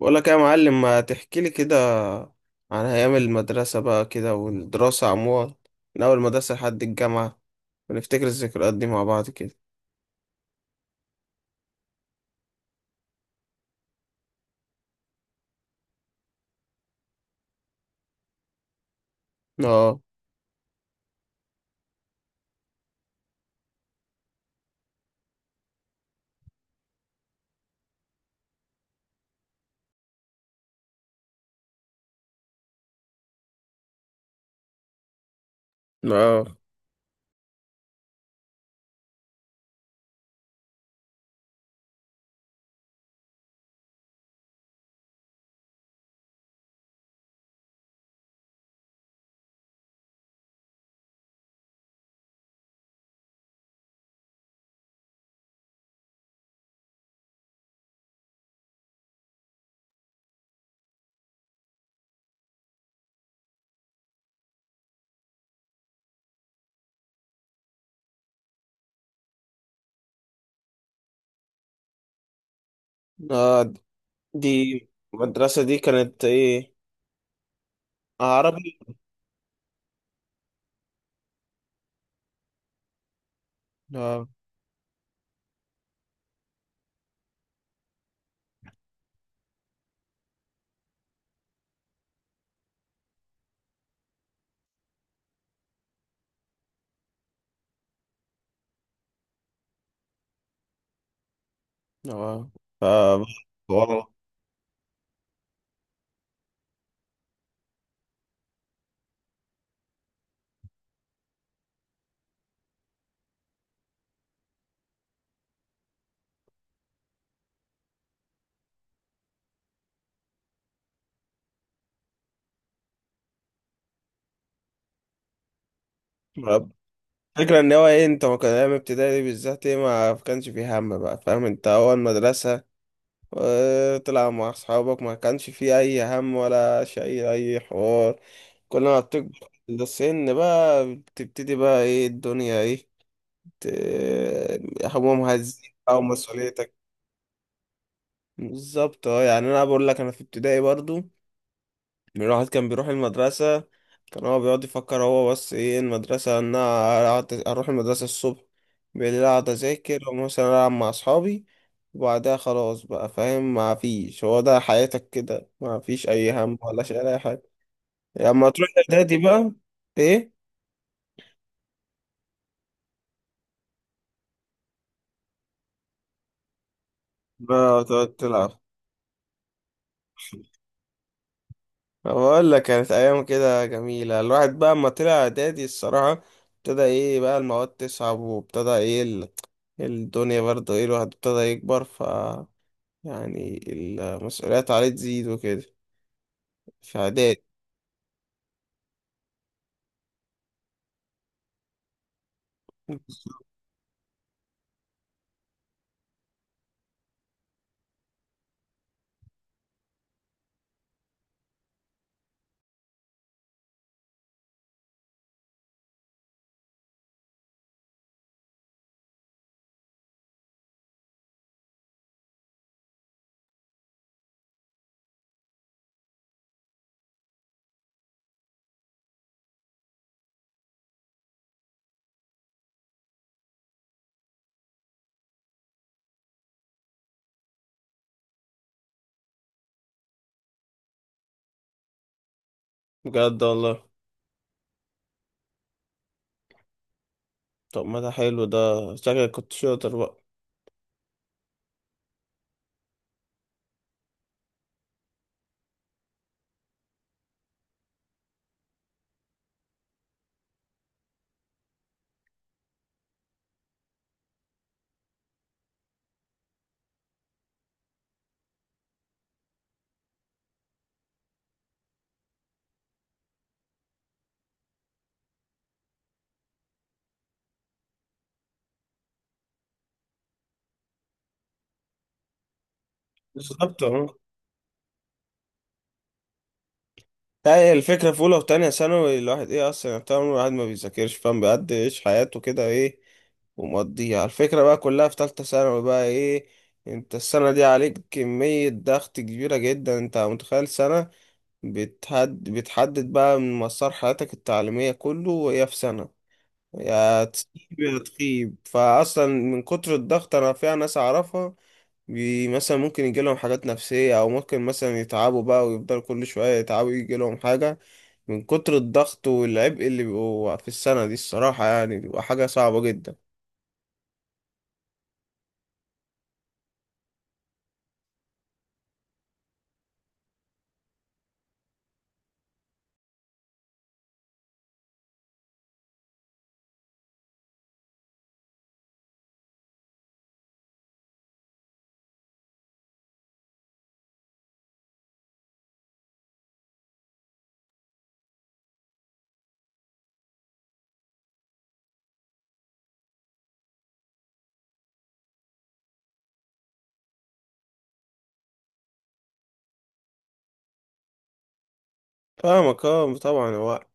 بقول لك يا معلم، ما تحكي لي كده عن ايام المدرسه بقى كده والدراسه عموما، من اول المدرسه لحد الجامعه، ونفتكر الذكريات دي مع بعض كده. اه. اه. اه دي، المدرسه دي كانت ايه؟ عربي؟ اه. اه. ف- والله الفكرة ان هو ايه، انت ما كان ايام ابتدائي بالذات ايه، ما كانش فيه هم بقى، فاهم؟ انت اول مدرسة وتلعب مع أصحابك، ما كانش فيه أي هم ولا شيء أي حوار. كل ما بتكبر السن بقى بتبتدي بقى إيه الدنيا إيه، همومها تزيد أو مسؤوليتك. بالظبط اه. يعني أنا بقول لك أنا في ابتدائي برضو، الواحد كان بيروح المدرسة، كان هو بيقعد يفكر هو بس ايه المدرسة ان انا اروح المدرسة الصبح، بالليل اقعد اذاكر ومثلا العب مع اصحابي. وبعدها خلاص بقى، فاهم؟ ما فيش، هو ده حياتك كده، ما فيش اي هم ولا شيء ولا اي حاجة. يعني لما تروح اعدادي بقى. ايه؟ بقى تقعد تلعب. بقول لك كانت ايام كده جميلة. الواحد بقى اما طلع اعدادي الصراحة ابتدى ايه بقى المواد تصعب، وابتدى ايه الدنيا برضه ايه، الواحد ابتدى يكبر، ف يعني المسؤوليات عليه تزيد وكده في اعداد. بجد والله؟ طب ما ده حلو ده، شكلك كنت شاطر بقى. بالظبط اهو. لا، هي الفكرة في أولى وتانية ثانوي الواحد إيه أصلا، يعني طول الواحد ما بيذاكرش، فاهم؟ بيقعد يعيش حياته كده إيه، ومقضيها على الفكرة بقى كلها في تالتة ثانوي بقى. ايه؟ انت السنة دي عليك كمية ضغط كبيرة جدا، انت متخيل سنة بتحدد بقى من مسار حياتك التعليمية كله، وهي في سنة، يا تسيب يا تخيب. فاصلا من كتر الضغط، انا فيها ناس اعرفها بي مثلا ممكن يجي لهم حاجات نفسيه، او ممكن مثلا يتعبوا بقى ويفضلوا كل شويه يتعبوا يجي لهم حاجه من كتر الضغط والعبء اللي بيبقوا في السنه دي الصراحه، يعني بيبقى حاجه صعبه جدا. فاهمك اه، طبعا. هو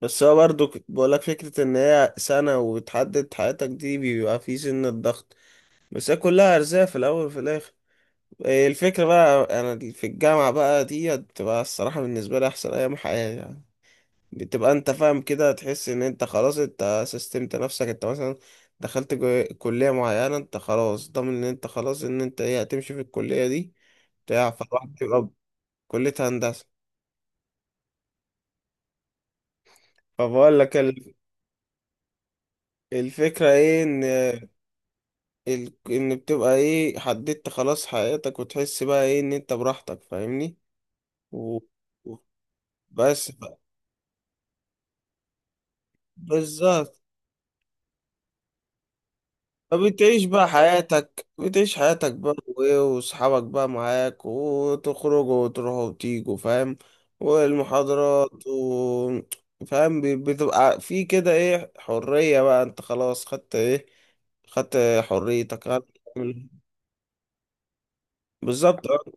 بس هو برضو بقولك فكره ان هي سنه وتحدد حياتك دي، بيبقى في سن الضغط، بس هي كلها ارزاق في الاول وفي الاخر. الفكرة بقى أنا في الجامعة بقى دي بتبقى الصراحة بالنسبة لي أحسن أيام حياتي يعني. بتبقى أنت فاهم كده، تحس إن أنت خلاص أنت سيستمت نفسك، أنت مثلا دخلت كلية معينة، أنت خلاص ضامن إن أنت خلاص، إن أنت إيه هتمشي في الكلية دي بتاع، فالواحد بيبقى. كلية هندسة. فبقول لك الفكرة إيه، إن إن بتبقى إيه حددت خلاص حياتك وتحس بقى إيه إن أنت براحتك، فاهمني؟ و... و- بس بقى. بالظبط. فبتعيش بقى حياتك، بتعيش حياتك بقى وايه، واصحابك بقى معاك، وتخرجوا وتروحوا وتيجوا، فاهم؟ والمحاضرات و... فاهم؟ بتبقى في كده ايه، حرية بقى، انت خلاص خدت ايه، خدت حريتك. بالظبط اه.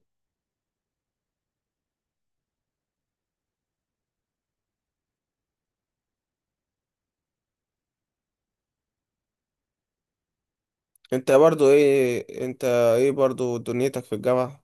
انت برضو ايه انت، ايه برضو دنيتك في الجامعة؟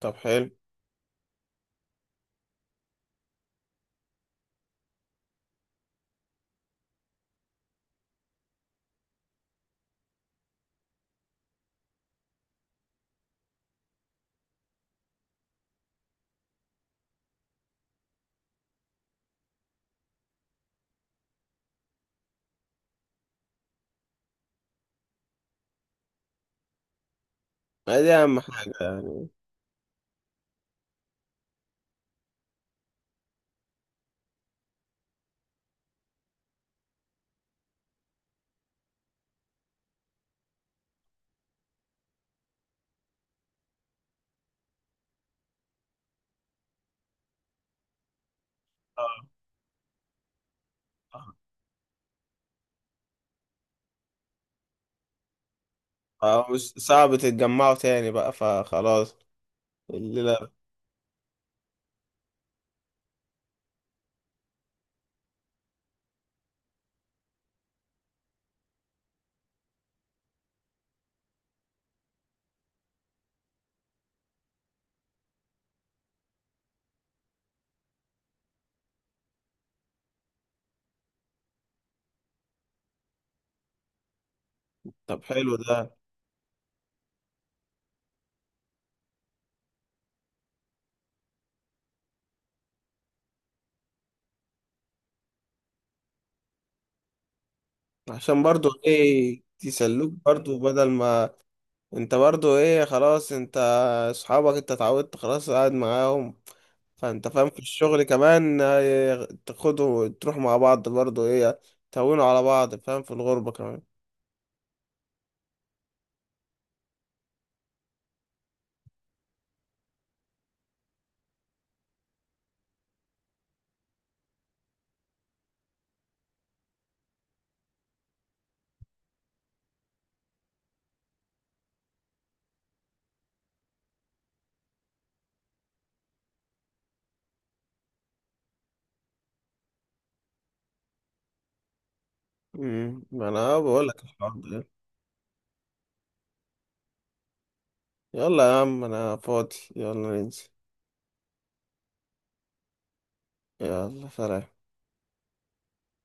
طب حلو. ما دي اهم حاجة يعني. اه. آه. صعب تتجمعوا تاني بقى فخلاص الليلة. طب حلو ده. عشان برضو ايه يسلوك برضو، بدل ما انت برضو ايه، خلاص انت اصحابك انت اتعودت خلاص قاعد معاهم، فانت فاهم في الشغل كمان ايه، تاخدوا تروح مع بعض برضو ايه، تهونوا على بعض، فاهم؟ في الغربة كمان. امم، ما انا بقول لك الحوار ده. يلا يا عم انا فاضي، يلا ننزل. يلا سلام.